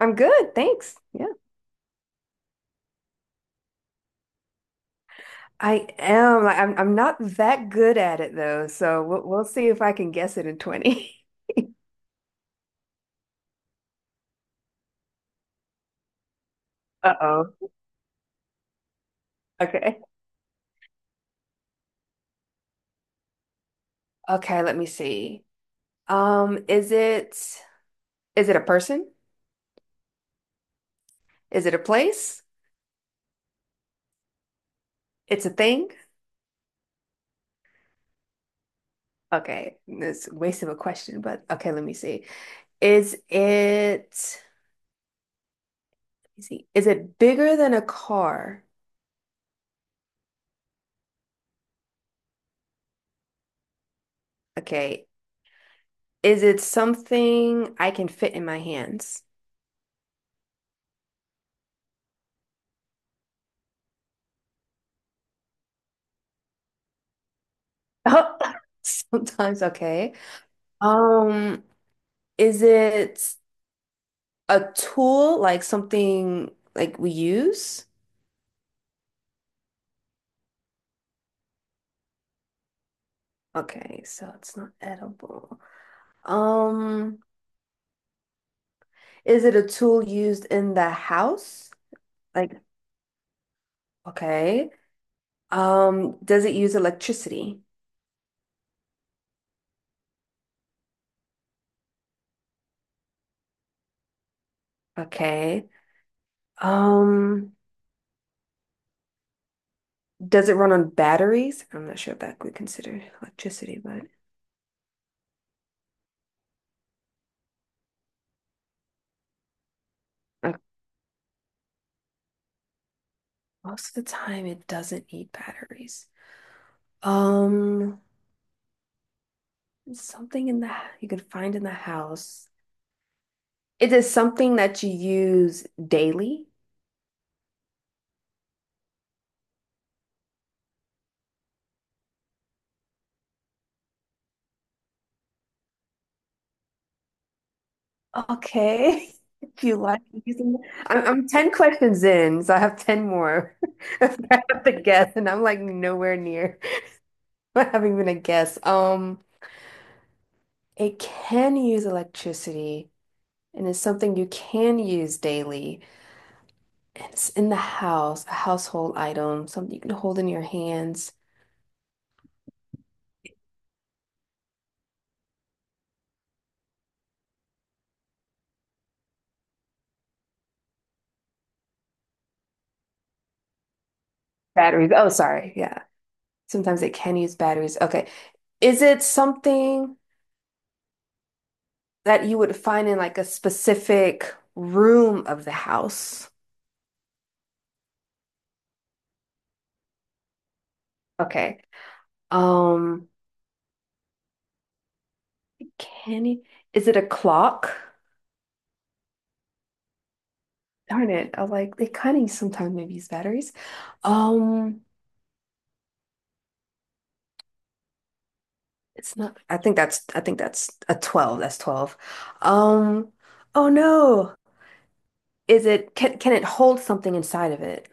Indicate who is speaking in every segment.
Speaker 1: I'm good, thanks. Yeah, I am. I'm not that good at it though, so we'll see if I can guess it in 20. Uh-oh. Okay. Okay, let me see. Um, is it is it a person? Is it a place? It's a thing? Okay. It's a waste of a question, but okay, let me see. Is it Let me see. Is it bigger than a car? Okay. Is it something I can fit in my hands? Oh, sometimes, okay. Um, is it a tool like something like we use? Okay, so it's not edible. Um, is it a tool used in the house? Like, okay. Does it use electricity? Okay. Um, does it run on batteries? I'm not sure if that would consider electricity, but uh, most of the time it doesn't need batteries. Um, something in the you can find in the house. It is something that you use daily. Okay. If you like using it. I'm 10 questions in, so I have 10 more. I have to guess, and I'm like nowhere near. I haven't even a guess. It can use electricity, and it's something you can use daily. And it's in the house, a household item, something you can hold in your hands. Batteries. Oh, sorry. Yeah. Sometimes it can use batteries. Okay. Is it something that you would find in like a specific room of the house? Okay. Um, can you, is it a clock? Darn it. I like they kind of sometimes maybe use batteries. Um, it's not I think that's a 12. That's 12. Um, oh no. Is it can it hold something inside of it?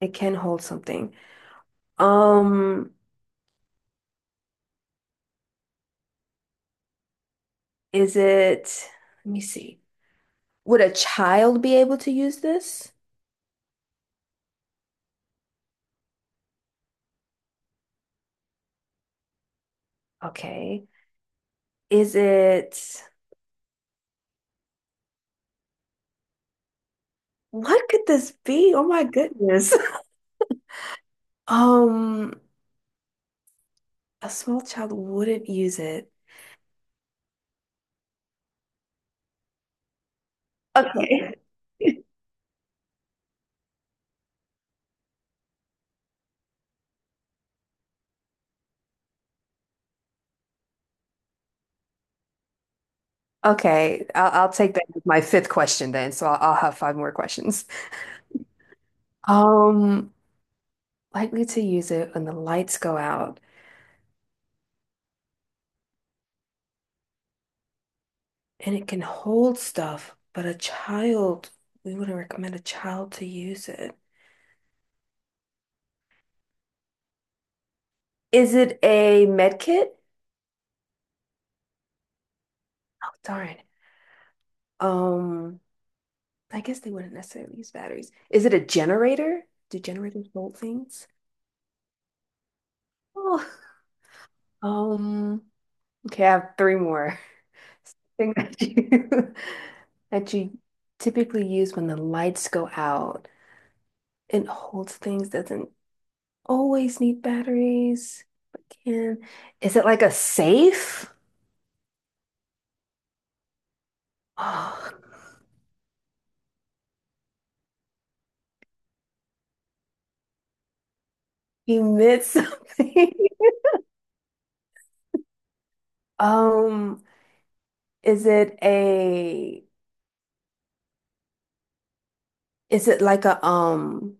Speaker 1: It can hold something. Um, is it Let me see. Would a child be able to use this? Okay. Is it What could this be? Oh my goodness. Um, a small child wouldn't use it. Okay. Okay, I'll take that as my fifth question then. So I'll have five more questions. Um, Likely to use it when the lights go out, and it can hold stuff, but a child, we wouldn't recommend a child to use it. Is it a med kit? Oh, darn. Um, I guess they wouldn't necessarily use batteries. Is it a generator? Do generators hold things? Oh, Um, okay, I have three more. Thing that you that you typically use when the lights go out. It holds things, doesn't always need batteries, but can. Is it like a safe? Oh, he meant something. Um, is it a is it like a um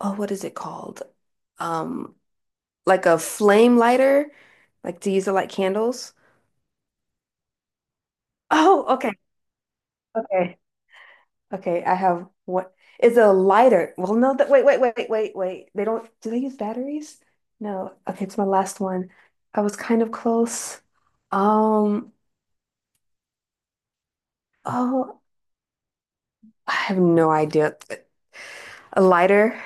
Speaker 1: oh what is it called? Um like a flame lighter? Like to use it like candles? Oh, okay. Okay. Okay, I have what is a lighter. Well, no, that wait, wait, wait, wait, wait. They don't Do they use batteries? No. Okay, it's my last one. I was kind of close. Um, oh, I have no idea. A lighter.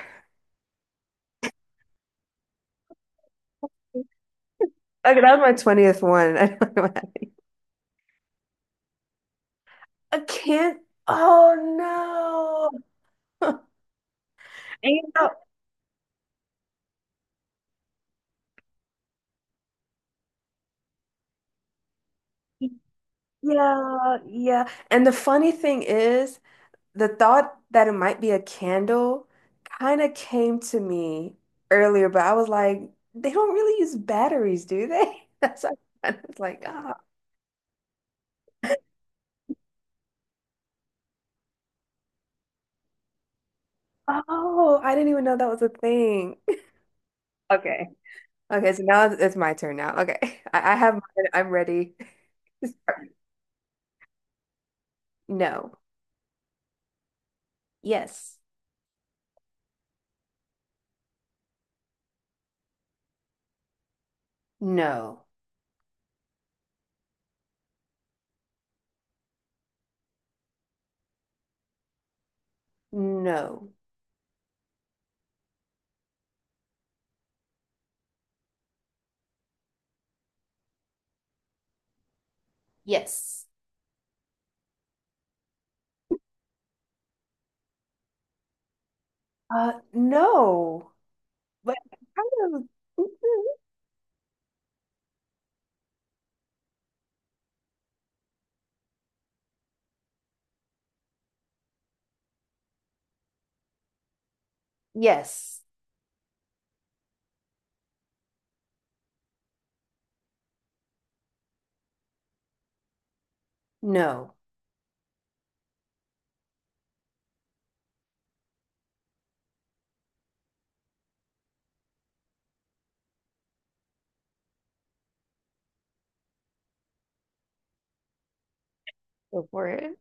Speaker 1: Okay, that was my 20th one. I don't know. I can't. Oh no. And yeah, yeah. And the funny thing is, the thought that it might be a candle kind of came to me earlier, but I was like, they don't really use batteries, do they? That's what I was like, ah, oh, I didn't even know that was a thing. Okay. Okay, so now it's my turn now. Okay. I have mine. I'm ready. No. Yes. No, no, yes. No, but kind of, mm-hmm. Yes, no. Go for it.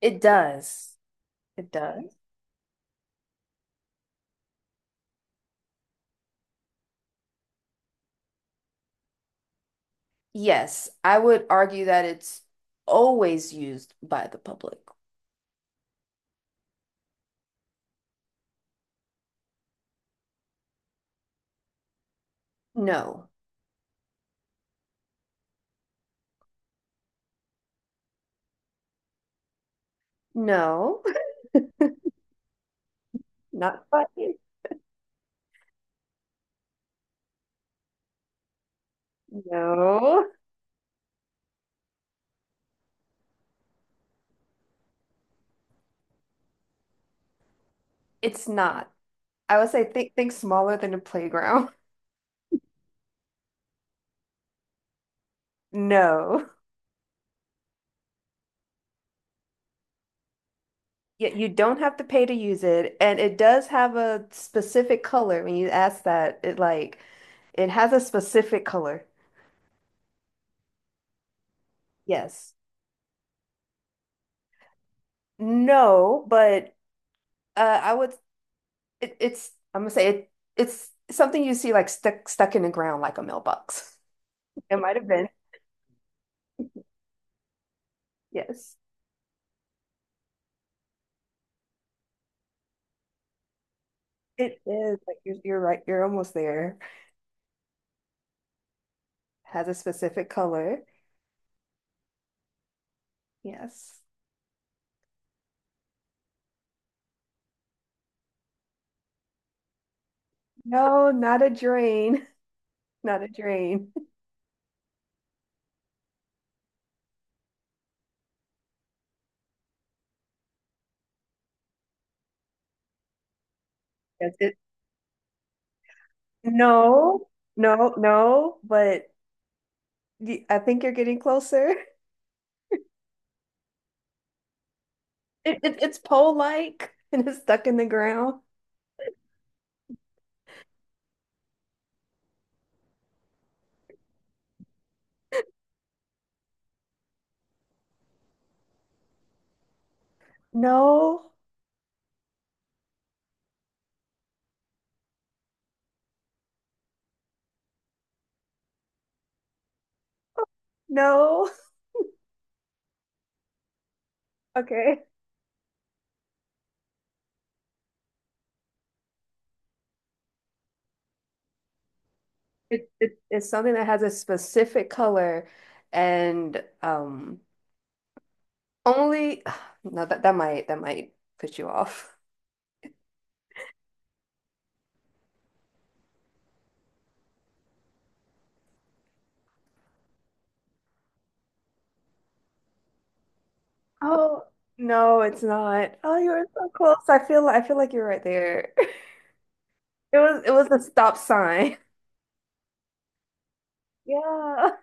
Speaker 1: It does. It does. Yes, I would argue that it's always used by the public. No, no, not by. No, it's not. I would say think smaller than a playground. No. Yeah, you don't have to pay to use it, and it does have a specific color. When you ask that, it like it has a specific color. Yes. No, but I would. It, it's. I'm gonna say it. It's something you see like stuck in the ground like a mailbox. It might have been. Yes. It is. Like you're right. You're almost there. Has a specific color. Yes. No, not a drain. Not a drain. Yes, it. No. No, no, but I think you're getting closer. It's pole-like and it's stuck in the ground. No, no. Okay. It's something that has a specific color and only no that might put you off. Oh, no, it's not. Oh, you were so close. I feel like you're right there. It was a stop sign. Yeah.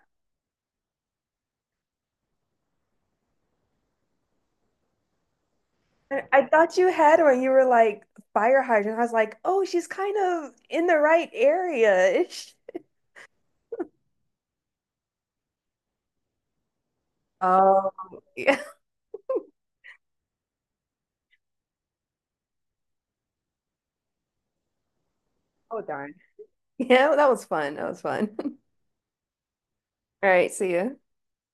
Speaker 1: I thought you had one. You were like fire hydrant. I was like, oh, she's kind of in the right area. Oh, yeah. Oh, darn. Yeah, that was fun. That was fun. All right, see ya.